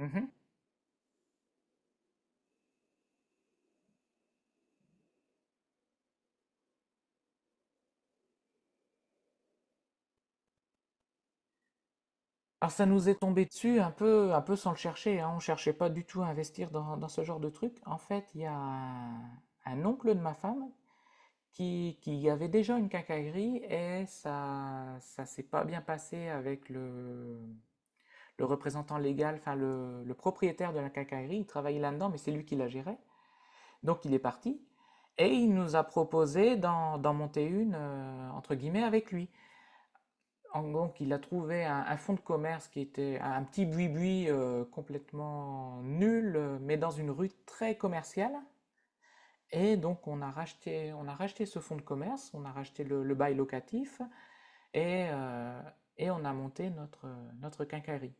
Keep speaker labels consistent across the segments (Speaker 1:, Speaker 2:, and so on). Speaker 1: Mhm. Alors ça nous est tombé dessus un peu sans le chercher, hein. On ne cherchait pas du tout à investir dans ce genre de truc. En fait, il y a un oncle de ma femme qui avait déjà une quincaillerie et ça s'est pas bien passé avec le représentant légal, enfin le propriétaire de la quincaillerie. Il travaillait là-dedans, mais c'est lui qui la gérait. Donc il est parti et il nous a proposé d'en monter une, entre guillemets, avec lui. En gros, il a trouvé un fonds de commerce qui était un petit buis-buis complètement nul, mais dans une rue très commerciale. Et donc, on a racheté ce fonds de commerce, on a racheté le bail locatif et, euh, et on a monté notre quincaillerie.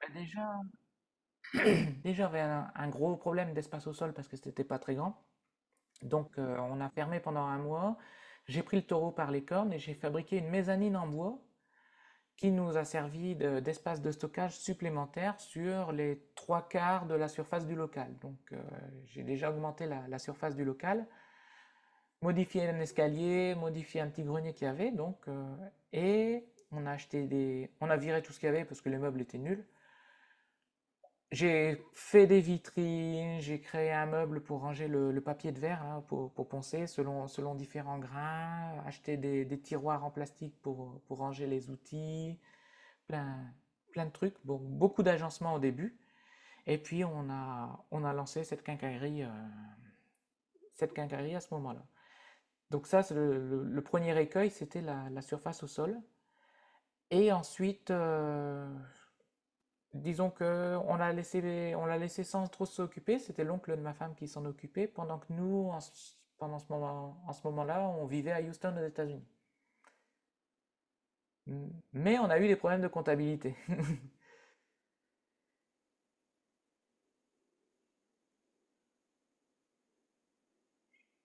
Speaker 1: Bah, déjà, déjà, j'avais un gros problème d'espace au sol parce que c'était pas très grand. Donc, on a fermé pendant un mois. J'ai pris le taureau par les cornes et j'ai fabriqué une mezzanine en bois qui nous a d'espace de stockage supplémentaire sur les trois quarts de la surface du local. Donc j'ai déjà augmenté la surface du local, modifié un escalier, modifié un petit grenier qu'il y avait, donc, et on a acheté des... On a viré tout ce qu'il y avait parce que les meubles étaient nuls. J'ai fait des vitrines, j'ai créé un meuble pour ranger le papier de verre, hein, pour poncer selon différents grains, acheté des tiroirs en plastique pour ranger les outils, plein, plein de trucs, bon, beaucoup d'agencements au début. Et puis, on a lancé cette quincaillerie à ce moment-là. Donc ça, c'est le premier écueil, c'était la surface au sol. Et ensuite, disons qu'on l'a laissé, on l'a laissé sans trop s'occuper. C'était l'oncle de ma femme qui s'en occupait, pendant que pendant ce moment, en ce moment-là, on vivait à Houston, aux États-Unis. Mais on a eu des problèmes de comptabilité.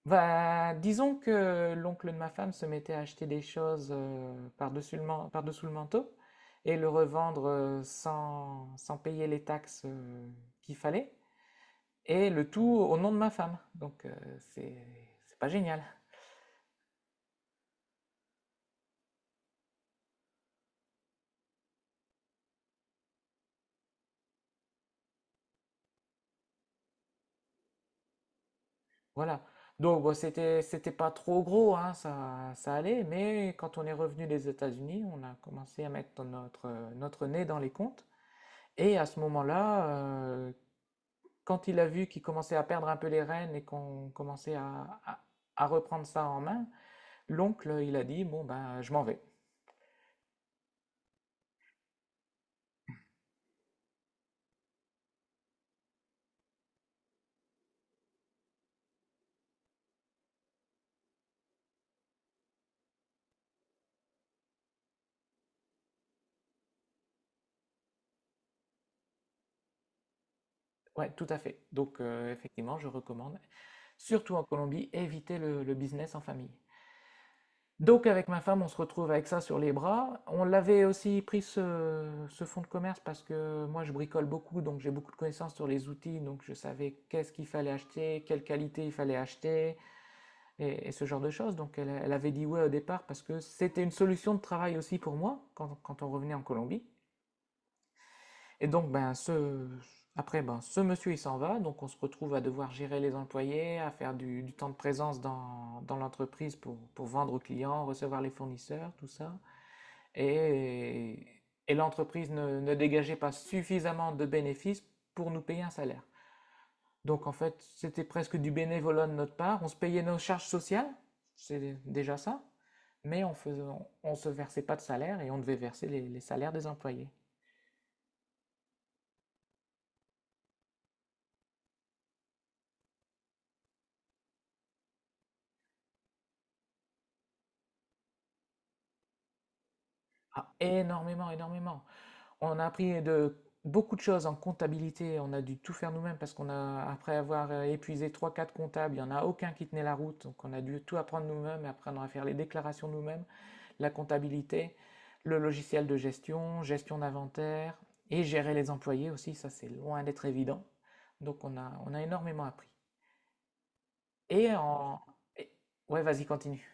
Speaker 1: Bah, disons que l'oncle de ma femme se mettait à acheter des choses par-dessus par-dessous le manteau et le revendre sans payer les taxes qu'il fallait, et le tout au nom de ma femme. Donc, c'est, c'est pas génial. Voilà. Donc, bon, c'était pas trop gros, hein, ça allait, mais quand on est revenu des États-Unis, on a commencé à mettre notre nez dans les comptes. Et à ce moment-là, quand il a vu qu'il commençait à perdre un peu les rênes et qu'on commençait à reprendre ça en main, l'oncle, il a dit, bon, ben, je m'en vais. Ouais, tout à fait. Donc, effectivement, je recommande, surtout en Colombie, éviter le business en famille. Donc, avec ma femme, on se retrouve avec ça sur les bras. On l'avait aussi pris ce fonds de commerce parce que moi, je bricole beaucoup, donc j'ai beaucoup de connaissances sur les outils, donc je savais qu'est-ce qu'il fallait acheter, quelle qualité il fallait acheter, et ce genre de choses. Donc elle, elle avait dit ouais au départ parce que c'était une solution de travail aussi pour moi quand on revenait en Colombie. Et donc ben ce après ben ce monsieur il s'en va, donc on se retrouve à devoir gérer les employés, à faire du temps de présence dans l'entreprise pour vendre aux clients, recevoir les fournisseurs, tout ça. Et, et l'entreprise ne dégageait pas suffisamment de bénéfices pour nous payer un salaire. Donc en fait, c'était presque du bénévolat de notre part. On se payait nos charges sociales, c'est déjà ça, mais se versait pas de salaire et on devait verser les salaires des employés. Ah, énormément, énormément. On a appris de beaucoup de choses en comptabilité. On a dû tout faire nous-mêmes parce qu'on a, après avoir épuisé trois, quatre comptables, il n'y en a aucun qui tenait la route. Donc on a dû tout apprendre nous-mêmes, apprendre à faire les déclarations nous-mêmes. La comptabilité, le logiciel de gestion, gestion d'inventaire et gérer les employés aussi, ça c'est loin d'être évident. Donc on a énormément appris. Et en... et- Ouais, vas-y, continue.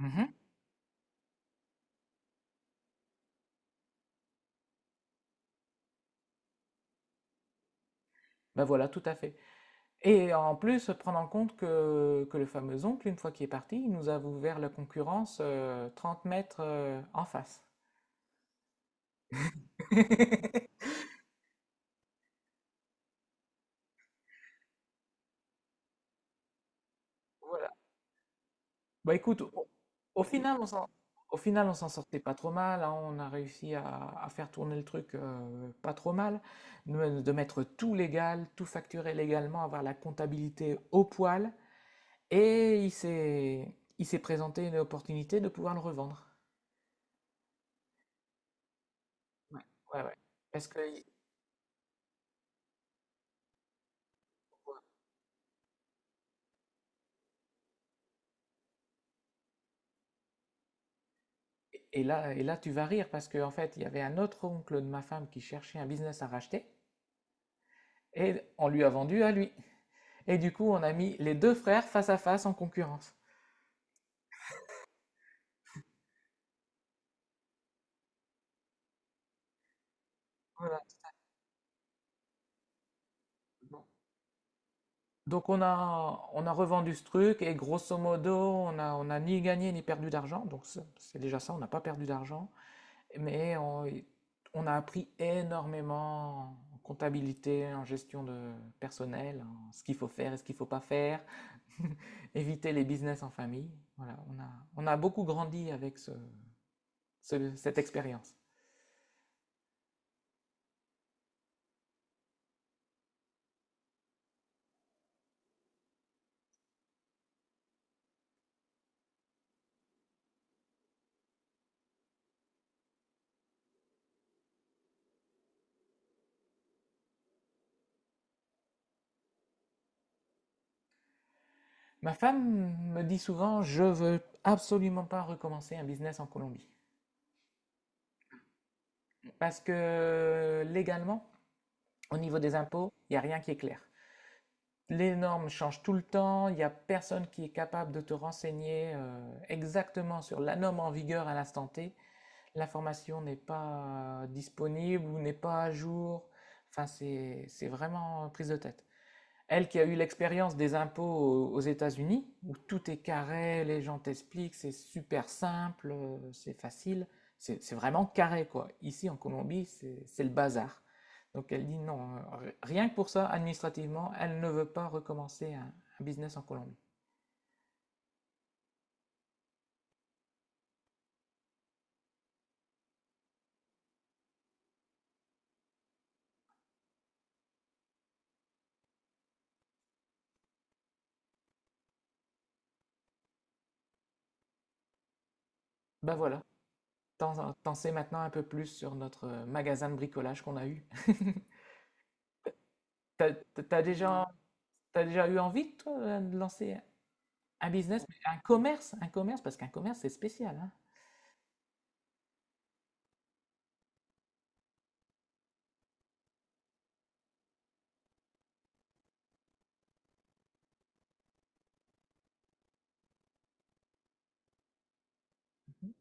Speaker 1: Mhm. Ben voilà, tout à fait. Et en plus, prendre en compte que le fameux oncle, une fois qu'il est parti, il nous a ouvert la concurrence 30 mètres en face. Bah écoute, au final, on s'en, au final, on s'en sortait pas trop mal, hein. On a réussi à faire tourner le truc pas trop mal, de mettre tout légal, tout facturé légalement, avoir la comptabilité au poil. Et il s'est présenté une opportunité de pouvoir le revendre. Ouais, ouais. Parce que, et là, tu vas rire parce qu'en fait, il y avait un autre oncle de ma femme qui cherchait un business à racheter et on lui a vendu à lui. Et du coup, on a mis les deux frères face à face en concurrence. Voilà. Donc on a revendu ce truc et grosso modo, on a ni gagné ni perdu d'argent. Donc c'est déjà ça, on n'a pas perdu d'argent. Mais on a appris énormément en comptabilité, en gestion de personnel, en ce qu'il faut faire et ce qu'il ne faut pas faire, éviter les business en famille. Voilà, on a beaucoup grandi avec cette expérience. Ma femme me dit souvent, je veux absolument pas recommencer un business en Colombie. Parce que légalement, au niveau des impôts, il n'y a rien qui est clair. Les normes changent tout le temps, il n'y a personne qui est capable de te renseigner exactement sur la norme en vigueur à l'instant T. L'information n'est pas disponible ou n'est pas à jour. Enfin, c'est vraiment prise de tête. Elle qui a eu l'expérience des impôts aux États-Unis, où tout est carré, les gens t'expliquent, c'est super simple, c'est facile, c'est vraiment carré quoi. Ici en Colombie, c'est le bazar. Donc elle dit non, rien que pour ça, administrativement, elle ne veut pas recommencer un business en Colombie. Ben voilà, t'en sais maintenant un peu plus sur notre magasin de bricolage qu'on a eu. T'as, t'as déjà, t'as déjà eu envie, toi, de lancer un business, un commerce, parce qu'un commerce, c'est spécial, hein.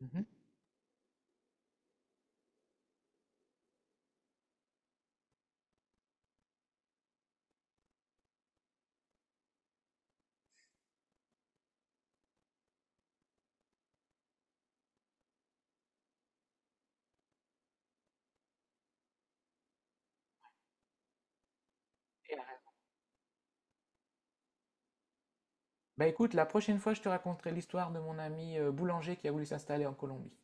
Speaker 1: Mhm. Et, euh, bah écoute, la prochaine fois, je te raconterai l'histoire de mon ami boulanger qui a voulu s'installer en Colombie.